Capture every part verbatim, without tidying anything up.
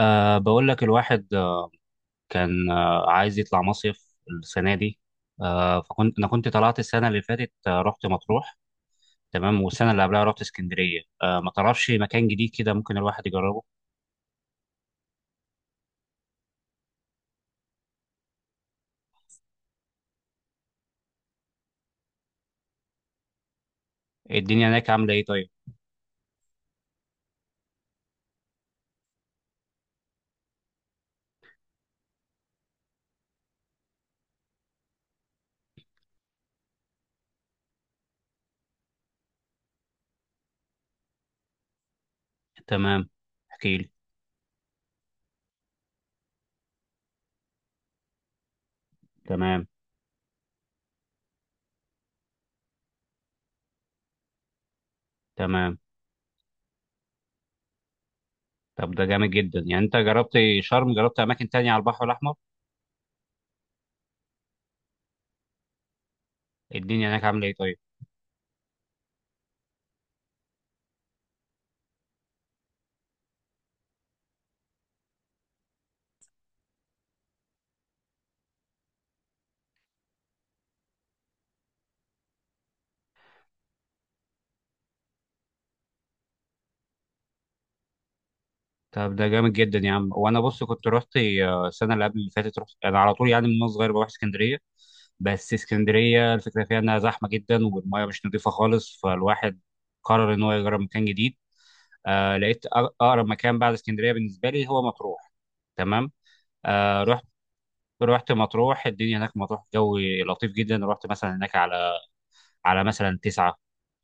أه بقول لك الواحد، آه، كان، آه، عايز يطلع مصيف السنة دي. أه فكنت أنا كنت طلعت السنة اللي فاتت، آه، رحت مطروح. تمام. والسنة اللي قبلها رحت اسكندرية. أه ما تعرفش مكان جديد كده ممكن الواحد يجربه؟ الدنيا هناك عاملة إيه طيب؟ تمام. احكي لي. تمام. تمام. طب ده جامد جدا، يعني أنت جربت شرم، جربت أماكن تانية على البحر الأحمر؟ الدنيا هناك عاملة إيه طيب؟ طب ده جامد جدا يا عم. وانا بص كنت رحت، آه، السنه اللي قبل اللي فاتت رحت انا على طول، يعني من وانا صغير بروح اسكندريه. بس اسكندريه الفكره فيها انها زحمه جدا والميه مش نظيفه خالص، فالواحد قرر ان هو يجرب مكان جديد. آه لقيت أق- اقرب مكان بعد اسكندريه بالنسبه لي هو مطروح. تمام. آه رحت رحت مطروح. الدنيا هناك في مطروح جو لطيف جدا. رحت مثلا هناك على على مثلا تسعة،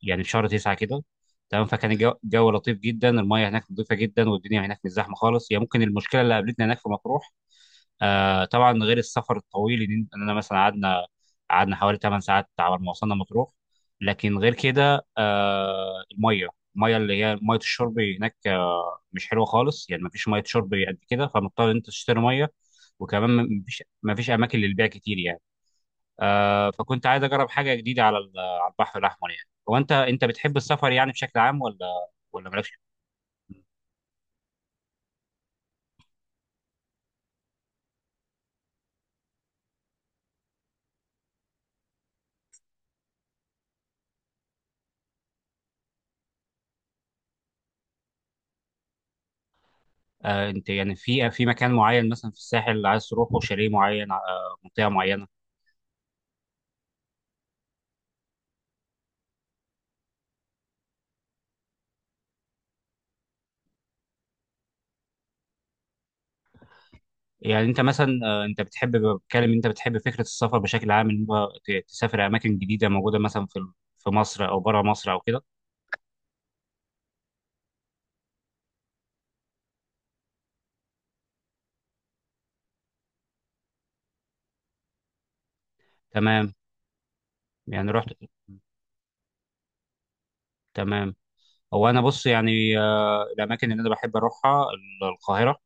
يعني في شهر تسعة كده. تمام. فكان الجو الجو لطيف جدا. المياه هناك نظيفة جدا والدنيا هناك مش زحمة خالص. هي ممكن المشكلة اللي قابلتنا هناك في مطروح، آه طبعا، غير السفر الطويل، ان إن انا مثلا قعدنا قعدنا حوالي ثماني ساعات على ما وصلنا مطروح. لكن غير كده، آه المية المية اللي هي مية الشرب هناك آه مش حلوة خالص. يعني مفيش مية شرب قد كده، فمضطر إن انت تشتري مية. وكمان مفيش مفيش اماكن للبيع كتير يعني. آه فكنت عايز اجرب حاجه جديده على ال- على البحر الاحمر. يعني هو انت انت بتحب السفر يعني بشكل عام، ولا ولا مالكش؟ آه انت يعني في في مكان معين، مثلا في الساحل اللي عايز تروحه، شاليه معين، آه منطقه معينه؟ يعني انت مثلا، آه انت بتحب، بتكلم انت بتحب فكره السفر بشكل عام، ان هو ت- تسافر اماكن جديده موجوده مثلا في ال- في مصر او بره مصر او كده؟ تمام. يعني رحت. تمام. هو انا بص يعني، آه الاماكن اللي انا بحب اروحها القاهره.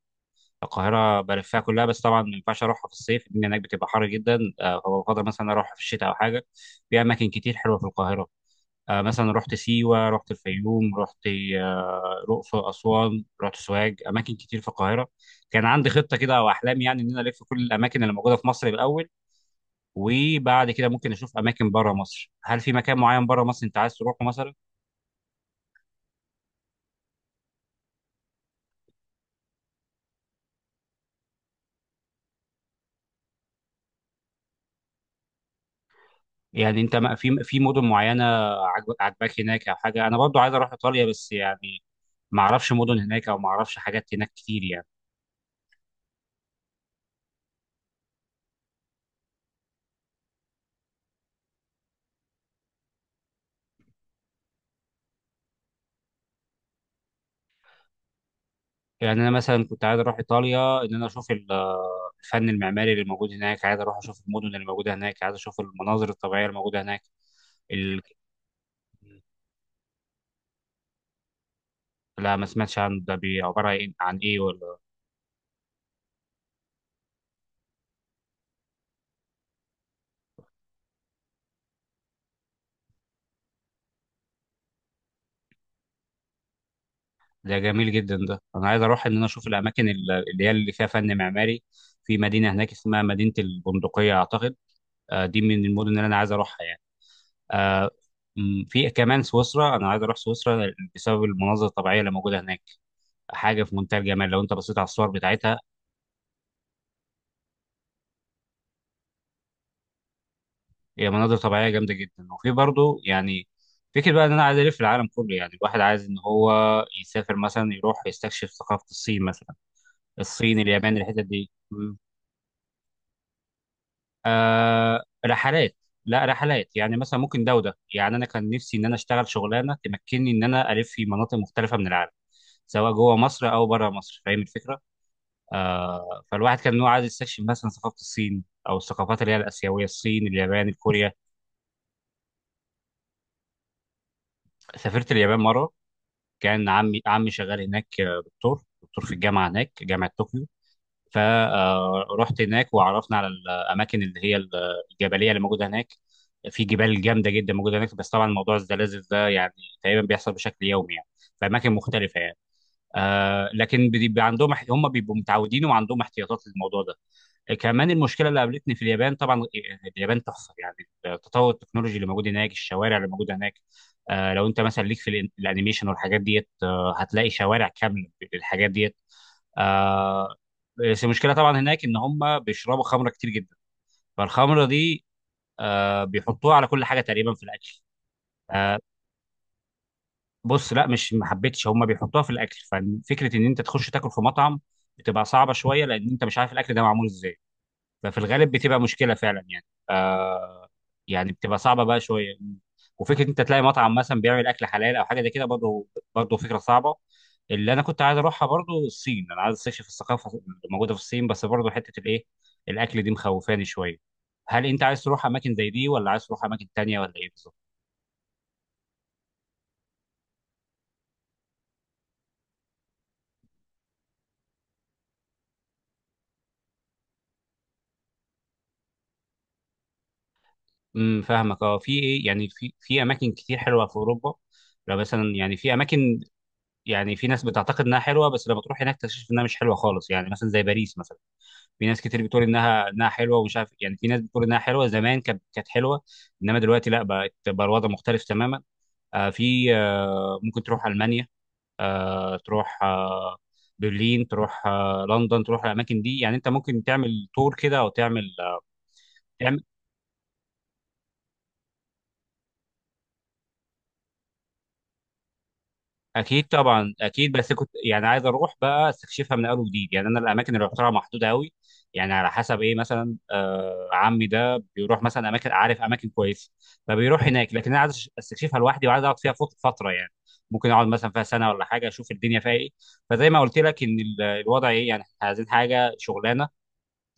القاهرة بلفها كلها. بس طبعا ما ينفعش أروحها في الصيف، الدنيا هناك بتبقى حر جدا، آه، فبفضل مثلا أروحها في الشتاء أو حاجة. في أماكن كتير حلوة في القاهرة. آه، مثلا رحت سيوة، رحت الفيوم، رحت آه، الأقصر، أسوان، رحت سوهاج، أماكن كتير في القاهرة. كان عندي خطة كده أو أحلام، يعني إن أنا ألف كل الأماكن اللي موجودة في مصر الأول، وبعد كده ممكن أشوف أماكن بره مصر. هل في مكان معين بره مصر أنت عايز تروحه مثلا؟ يعني انت ما- في في مدن معينه عجب- عجباك هناك او حاجه؟ انا برضو عايز اروح ايطاليا، بس يعني ما اعرفش مدن هناك او ما اعرفش حاجات هناك كتير يعني. يعني انا مثلا كنت عايز اروح ايطاليا، ان انا اشوف ال- الفن المعماري اللي موجود هناك، عايز اروح اشوف المدن اللي موجوده هناك، عايز اشوف المناظر الطبيعيه الموجوده هناك. ال... لا، ما سمعتش عن ده، بي- عباره عن إيه، عن ايه ولا؟ ده جميل جدا، ده انا عايز اروح ان انا اشوف الاماكن ال- اللي هي اللي فيها فن معماري. في مدينه هناك اسمها مدينه البندقيه اعتقد. آه، دي من المدن اللي انا عايز اروحها يعني. آه، م، في كمان سويسرا، انا عايز اروح سويسرا بسبب المناظر الطبيعيه اللي موجوده هناك. حاجه في منتهى الجمال لو انت بصيت على الصور بتاعتها. هي مناظر طبيعيه جامده جدا، وفي برضه يعني فكرة بقى ان انا عايز الف العالم كله، يعني الواحد عايز ان هو يسافر مثلا، يروح يستكشف ثقافه الصين مثلا. الصين، اليابان، الحتت دي. آه رحلات. لا رحلات، يعني مثلا ممكن ده وده. يعني انا كان نفسي ان انا اشتغل شغلانه تمكنني ان انا الف في مناطق مختلفه من العالم، سواء جوه مصر او بره مصر، فاهم الفكره؟ آه فالواحد كان إن هو عايز يستكشف مثلا ثقافه الصين او الثقافات اللي هي الاسيويه، الصين، اليابان، الكوريا. سافرت اليابان مره. كان عمي عمي شغال هناك، آه، دكتور دكتور في الجامعه هناك، جامعه طوكيو. فرحت هناك، وعرفنا على الاماكن اللي هي الجبليه اللي موجوده هناك. في جبال جامده جدا موجوده هناك. بس طبعا موضوع الزلازل ده يعني تقريبا بيحصل بشكل يومي يعني، في اماكن مختلفه يعني. آه لكن بيبقى عندهم، هم بيبقوا متعودين وعندهم احتياطات للموضوع ده. كمان المشكله اللي قابلتني في اليابان. طبعا اليابان تحفه يعني، التطور التكنولوجي اللي موجود هناك، الشوارع اللي موجوده هناك. آه لو انت مثلا ليك في الأن- الانيميشن والحاجات ديت، آه هتلاقي شوارع كامله بالحاجات ديت. آه بس المشكله طبعا هناك ان هم بيشربوا خمره كتير جدا. فالخمره دي آه بيحطوها على كل حاجه تقريبا في الاكل. آه بص، لا مش ما حبيتش، هم بيحطوها في الاكل، ففكره ان انت تخش تاكل في مطعم بتبقى صعبه شويه، لان انت مش عارف الاكل ده معمول ازاي، ففي الغالب بتبقى مشكله فعلا يعني. آه، يعني بتبقى صعبه بقى شويه. وفكره انت تلاقي مطعم مثلا بيعمل اكل حلال او حاجه زي كده برضه، برضه فكره صعبه. اللي انا كنت عايز اروحها برضه الصين، انا عايز استكشف الثقافه اللي موجوده في الصين، بس برضه حته الايه، الاكل دي مخوفاني شويه. هل انت عايز تروح اماكن زي دي ولا عايز تروح اماكن تانية ولا ايه بالظبط؟ امم فاهمك. اه في ايه يعني، في في اماكن كتير حلوه في اوروبا. لو مثلا يعني في اماكن، يعني في ناس بتعتقد انها حلوه بس لما تروح هناك تكتشف انها مش حلوه خالص، يعني مثلا زي باريس مثلا. في ناس كتير بتقول انها انها حلوه ومش عارف، يعني في ناس بتقول انها حلوه زمان، كانت كانت حلوه. انما دلوقتي لا، بقت بقى الوضع مختلف تماما. آه في، آه ممكن تروح المانيا، آه تروح، آه برلين، تروح آه لندن، تروح الاماكن دي، يعني انت ممكن تعمل تور كده او تعمل، آه، تعمل. اكيد طبعا، اكيد. بس كنت يعني عايز اروح بقى استكشفها من اول وجديد، يعني انا الاماكن اللي رحتها محدوده قوي. يعني على حسب ايه، مثلا آه عمي ده بيروح مثلا اماكن، عارف اماكن كويسه، فبيروح هناك. لكن انا عايز استكشفها لوحدي، وعايز اقعد فيها فت- فتره يعني. ممكن اقعد مثلا فيها سنه ولا حاجه، اشوف الدنيا فيها ايه. فزي ما قلت لك ان ال- الوضع ايه، يعني إحنا عايزين حاجه، شغلانه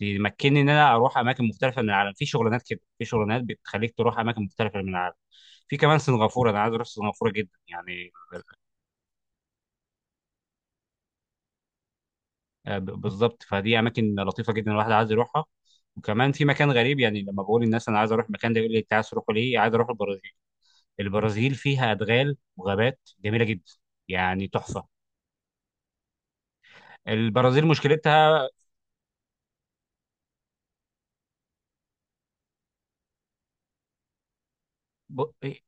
تمكنني ان انا اروح اماكن مختلفه من العالم. في شغلانات كده، في شغلانات بتخليك تروح اماكن مختلفه من العالم. في كمان سنغافوره، انا عايز اروح سنغافوره جدا يعني. آه، ب- بالظبط، فدي اماكن لطيفه جدا الواحد عايز يروحها. وكمان في مكان غريب، يعني لما بقول للناس انا عايز اروح المكان ده، يقول لي انت عايز تروحه ليه؟ عايز اروح البرازيل. البرازيل فيها ادغال وغابات جميله جدا، يعني تحفه. البرازيل مشكلتها، ب...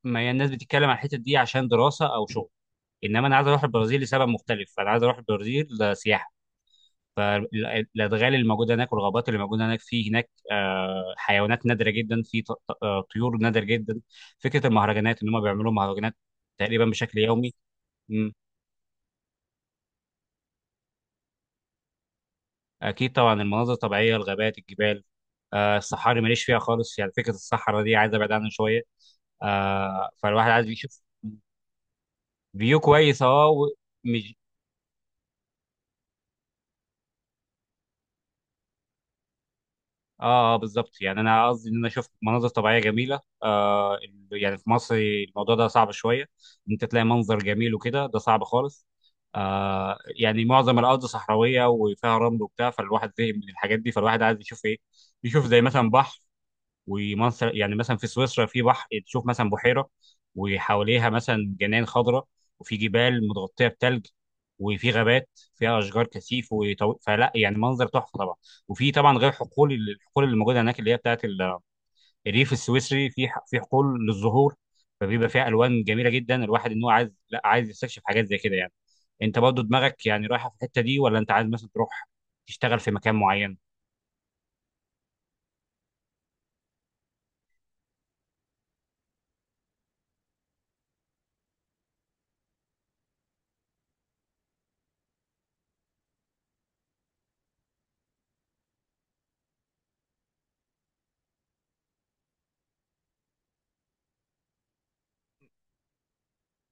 ما هي الناس بتتكلم عن الحته دي عشان دراسه او شغل. انما انا عايز اروح البرازيل لسبب مختلف، انا عايز اروح البرازيل سياحه. فالادغال اللي موجوده هناك والغابات اللي موجوده هناك، في هناك، آه، حيوانات نادره جدا، في ط- ط- آه، طيور نادره جدا. فكره المهرجانات ان هم بيعملوا مهرجانات تقريبا بشكل يومي. مم. اكيد طبعا. المناظر الطبيعيه، الغابات، الجبال، آه، الصحاري ماليش فيها خالص، يعني فكره الصحراء دي عايز ابعد عنها شويه. آه، فالواحد عايز يشوف. فيو كويس، اه، اه، اه، بالظبط، يعني انا قصدي ان انا شفت مناظر طبيعيه جميله. آه ال- يعني في مصر الموضوع ده صعب شويه، ان انت تلاقي منظر جميل وكده، ده صعب خالص. آه يعني معظم الارض صحراويه وفيها رمل وبتاع، فالواحد زهق من الحاجات دي، فالواحد عايز يشوف ايه؟ يشوف زي مثلا بحر ومنظر، يعني مثلا في سويسرا في بحر، تشوف مثلا بحيرة وحواليها مثلا جنان خضراء، وفي جبال متغطية بتلج، وفي غابات فيها أشجار كثيف وطو... فلا يعني منظر تحفة طبعا. وفي طبعا غير حقول، الحقول اللي موجودة هناك اللي هي بتاعت ال- الريف السويسري، في ح- في حقول للزهور، فبيبقى فيها ألوان جميلة جدا. الواحد إن هو عايز، لا عايز يستكشف حاجات زي كده يعني. أنت برضه دماغك يعني رايحة في الحتة دي، ولا أنت عايز مثلا تروح تشتغل في مكان معين؟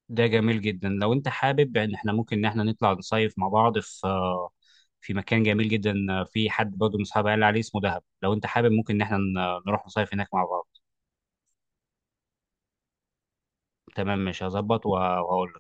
ده جميل جدا. لو انت حابب، ان احنا ممكن ان احنا نطلع نصيف مع بعض في، آه، في مكان جميل جدا. آه، في حد برضه من اصحابي قال لي عليه اسمه دهب، لو انت حابب ممكن ان احنا ن- نروح نصيف هناك مع بعض. تمام. مش هظبط وهقول.